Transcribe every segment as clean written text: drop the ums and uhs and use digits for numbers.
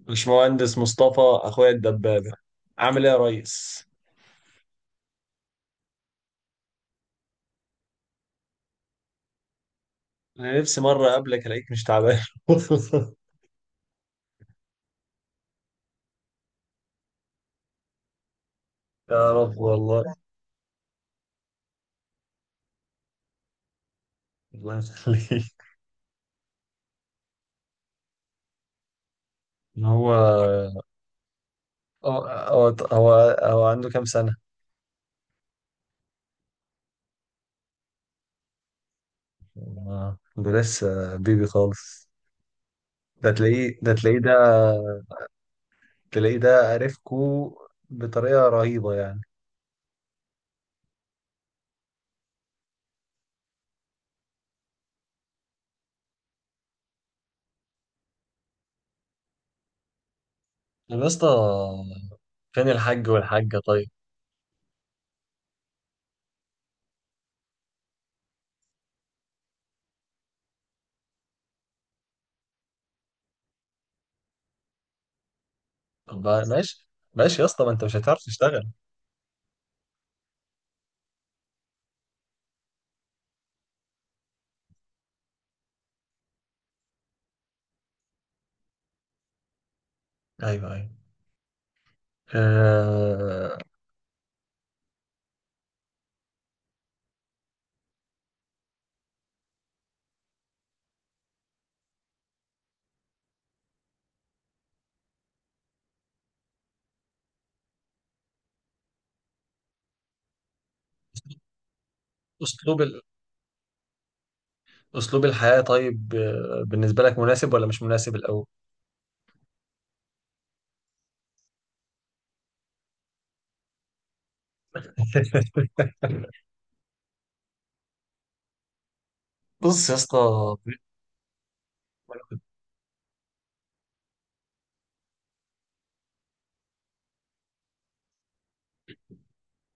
باشمهندس مصطفى اخويا الدبابه عامل ايه يا ريس؟ انا نفسي مره اقابلك الاقيك مش تعبان. يا رب والله. الله يخليك. إن هو هو هو هو هو عنده كام سنه؟ ده لسه بيبي خالص. ده تلاقيه ده عرفكو بطريقه رهيبه يعني. طب يا اسطى، فين الحاج والحاجه طيب؟ ماشي، ماشي يا اسطى، ما انت مش هتعرف تشتغل. ايوه. آه، اسلوب ال... اسلوب الحياة، طيب، بالنسبة لك مناسب ولا مش مناسب الاول؟ بص يا اسطى،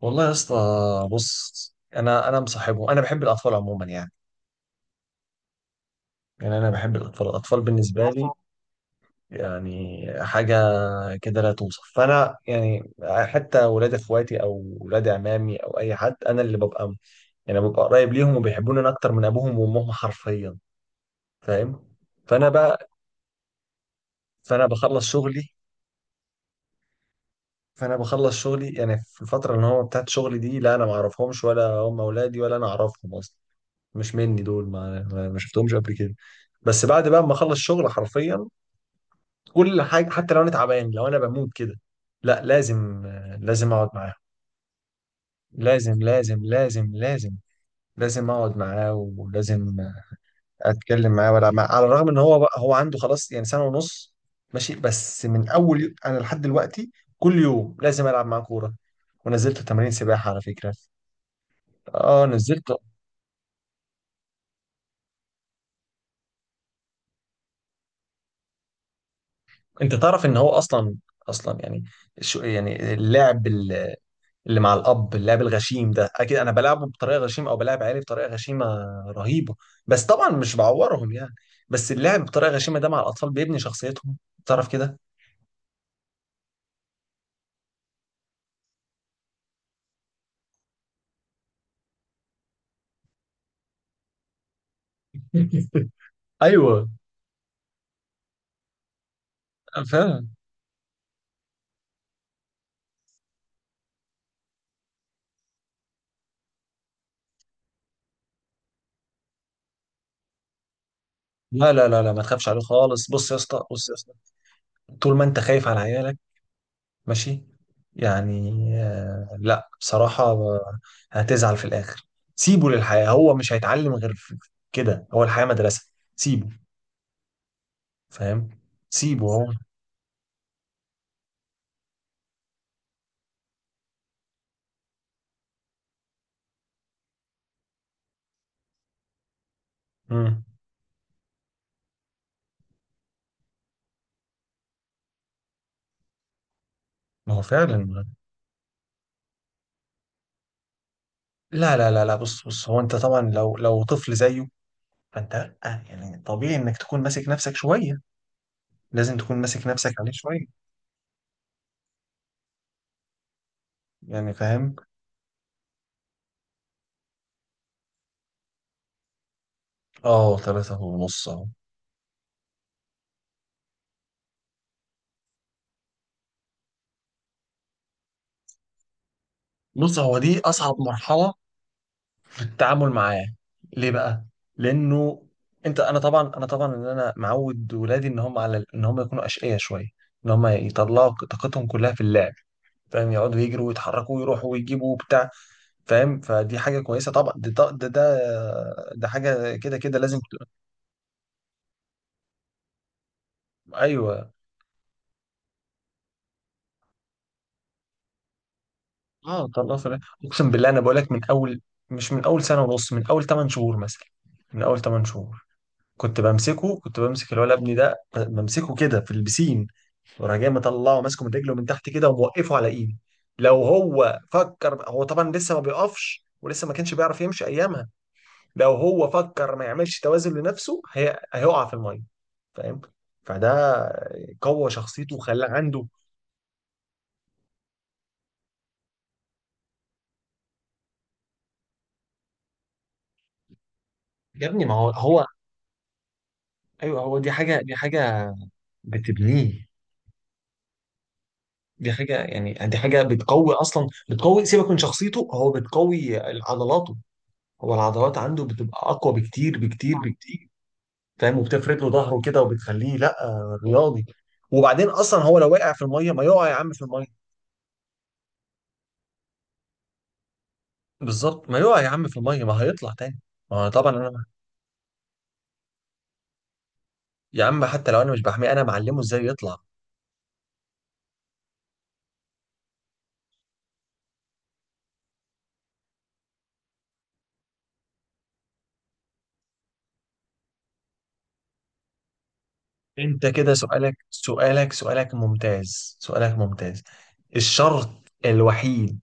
والله يا اسطى، بص انا مصاحبهم، انا بحب الاطفال عموما يعني. يعني انا بحب الاطفال، الاطفال بالنسبه لي يعني حاجه كده لا توصف. فانا يعني حتى ولاد اخواتي او ولاد عمامي او اي حد انا اللي ببقى يعني ببقى قريب ليهم، وبيحبوني انا اكتر من ابوهم وامهم حرفيا. فاهم؟ فانا بقى، فانا بخلص شغلي. فانا بخلص شغلي، يعني في الفتره اللي هو بتاعت شغلي دي، لا انا ما اعرفهمش ولا هم اولادي ولا انا اعرفهم اصلا، مش مني دول، ما شفتهمش قبل كده. بس بعد بقى ما اخلص شغل، حرفيا كل حاجه، حتى لو انا تعبان، لو انا بموت كده، لا لازم، لازم اقعد معاهم. لازم لازم اقعد معاه ولازم اتكلم معاه ولا على الرغم ان هو بقى هو عنده خلاص يعني سنه ونص. ماشي، بس انا لحد دلوقتي كل يوم لازم العب معاه كوره، ونزلت تمارين سباحه على فكره. اه، نزلت. انت تعرف ان هو اصلا، اصلا يعني، شو يعني اللعب ال- اللي مع الاب، اللعب الغشيم ده، اكيد انا بلعبه بطريقه غشيمه او بلعب عيالي بطريقه غشيمه رهيبه، بس طبعا مش بعورهم يعني. بس اللعب بطريقه غشيمه ده مع الاطفال بيبني شخصيتهم، تعرف كده. ايوه فعلا. لا لا لا لا، ما تخافش عليه خالص. بص يا اسطى، بص يا اسطى، طول ما انت خايف على عيالك، ماشي، يعني، لا بصراحة هتزعل في الآخر. سيبه للحياة، هو مش هيتعلم غير في كده، هو الحياة مدرسة. سيبه، فاهم؟ سيبه هو. مم. ما هو فعلا. لا لا لا لا، بص بص، هو انت طبعا لو لو طفل زيه، فانت لأ، يعني طبيعي انك تكون ماسك نفسك شوية، لازم تكون ماسك نفسك عليه شوية. يعني فاهم؟ اه، ثلاثة ونص اهو. بص هو دي أصعب مرحلة التعامل معاه. ليه بقى؟ لانه انت انا طبعا ان انا معود ولادي ان هم على ان هم يكونوا اشقياء شويه، ان هم يطلعوا طاقتهم كلها في اللعب. فاهم؟ يقعدوا يجروا ويتحركوا ويروحوا ويجيبوا وبتاع، فاهم؟ فدي حاجه كويسه طبعا، دي ده حاجه كده كده ايوه. اه، طلعوا في اللعب. اقسم بالله، انا بقول لك من اول، مش من اول سنه ونص، من اول 8 شهور مثلا، من اول 8 شهور كنت بمسكه، كنت بمسك الولد ابني ده، بمسكه كده في البسين وراح جاي، مطلعه ماسكه من رجله من تحت كده وموقفه على ايدي. لو هو فكر، هو طبعا لسه ما بيقفش ولسه ما كانش بيعرف يمشي ايامها، لو هو فكر ما يعملش توازن لنفسه هيقع في الميه. فاهم؟ فده قوى شخصيته وخلاه عنده، يا ابني ما هو هو، ايوه هو دي حاجه، دي حاجه بتبنيه. دي حاجه يعني، دي حاجه بتقوي اصلا، بتقوي سيبك من شخصيته، هو بتقوي عضلاته. هو العضلات عنده بتبقى اقوى بكتير. فاهم؟ وبتفرد له ظهره كده، وبتخليه لا رياضي. وبعدين اصلا هو لو وقع في الميه، ما يقع يا عم في الميه. بالظبط، ما يقع يا عم في الميه، ما هيطلع تاني. ما أنا طبعا انا، يا عم حتى لو انا مش بحميه، انا معلمه ازاي يطلع. انت كده سؤالك ممتاز سؤالك ممتاز. الشرط الوحيد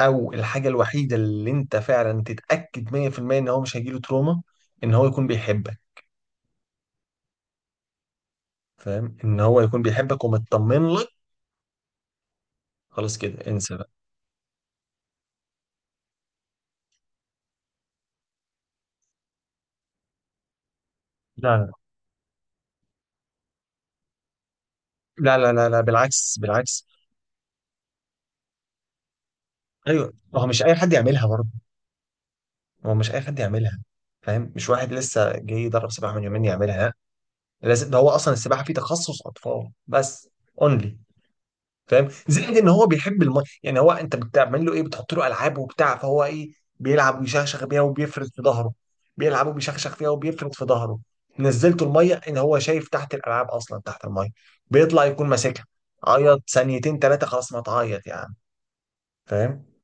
او الحاجه الوحيده اللي انت فعلا تتاكد 100% ان هو مش هيجيله تروما، ان هو يكون بيحبك. فاهم؟ ان هو يكون بيحبك ومطمن لك، خلاص كده انسى بقى. لا لا لا لا لا، بالعكس، بالعكس. ايوه ما هو مش اي حد يعملها برضه، ما هو مش اي حد يعملها. فاهم؟ مش واحد لسه جاي يدرب سباحه من يومين يعملها، لازم ده، هو اصلا السباحه فيه تخصص اطفال بس، اونلي. فاهم؟ زائد ان هو بيحب الماء، يعني هو انت بتعمل له ايه؟ بتحط له العاب وبتاع، فهو ايه؟ بيلعب ويشخشخ بيها وبيفرد في ظهره، بيلعب وبيشخشخ فيها وبيفرد في ظهره. نزلته الميه، ان هو شايف تحت الالعاب اصلا تحت الميه، بيطلع يكون ماسكها. عيط ثانيتين ثلاثه، خلاص ما تعيط يعني. فاهم.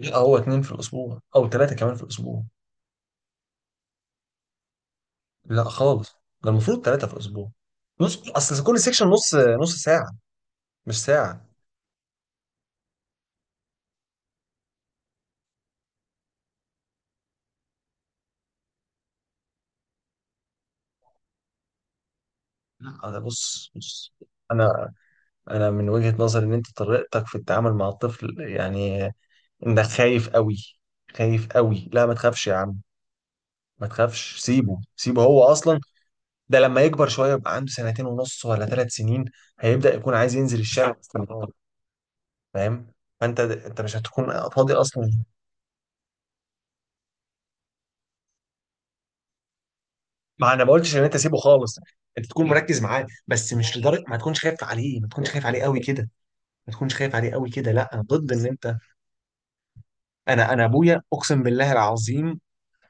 لا هو اتنين في الأسبوع أو تلاتة كمان في الأسبوع. لا خالص، ده المفروض تلاتة في الأسبوع. نص، أصل كل سيكشن نص ساعة، مش ساعة. لا أنا، بص بص، أنا أنا من وجهة نظري إن أنت طريقتك في التعامل مع الطفل يعني، إنك خايف قوي، خايف قوي. لا ما تخافش يا عم، ما تخافش، سيبه، سيبه هو أصلا. ده لما يكبر شوية، يبقى عنده سنتين ونص ولا ثلاث سنين، هيبدأ يكون عايز ينزل الشارع باستمرار. فاهم؟ فأنت مش هتكون فاضي أصلا. ما انا ما قلتش ان انت سيبه خالص، انت تكون مركز معاه، بس مش لدرجه ما تكونش خايف عليه، ما تكونش خايف عليه قوي كده، ما تكونش خايف عليه قوي كده، لا انا ضد ان انت. انا ابويا اقسم بالله العظيم،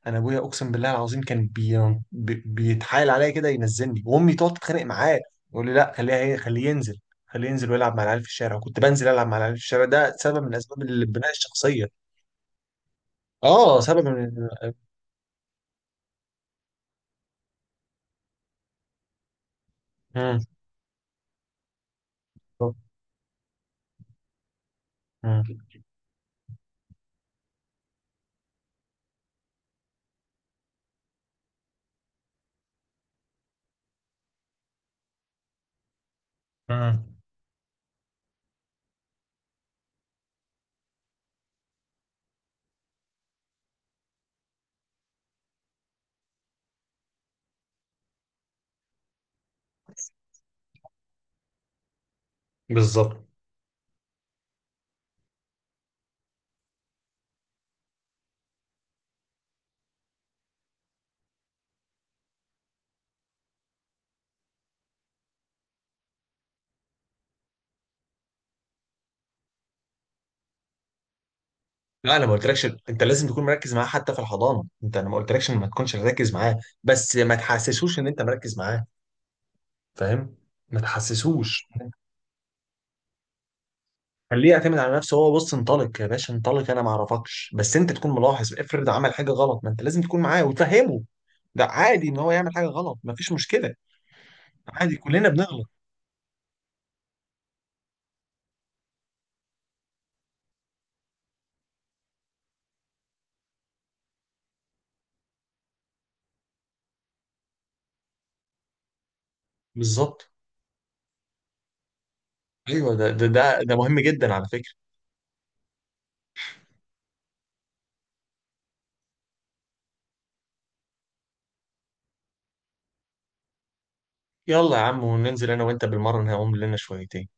انا ابويا اقسم بالله العظيم كان بيتحايل عليا كده ينزلني، وامي تقعد تتخانق معاه، يقول لي لا خليها هي، خليه ينزل، خليه ينزل ويلعب مع العيال في الشارع، كنت بنزل العب مع العيال في الشارع، ده سبب من اسباب البناء الشخصيه. اه سبب من. مم. مم. مم. بالظبط. لا انا ما قلتلكش انت لازم تكون مركز معاه، حتى في الحضانه انت، انا ما قلتلكش إن ما تكونش مركز معاه، بس ما تحسسوش ان انت مركز معاه. فاهم؟ ما تحسسوش. خليه يعتمد على نفسه هو، بص انطلق يا باشا، انطلق انا ما اعرفكش، بس انت تكون ملاحظ، افرض عمل حاجه غلط، ما انت لازم تكون معاه وتفهمه. ده عادي ان هو يعمل حاجه غلط، ما فيش مشكله، عادي كلنا بنغلط. بالظبط، ايوه ده مهم جدا على فكره. يلا يا عم وننزل انا وانت بالمره نقوم لنا شويتين.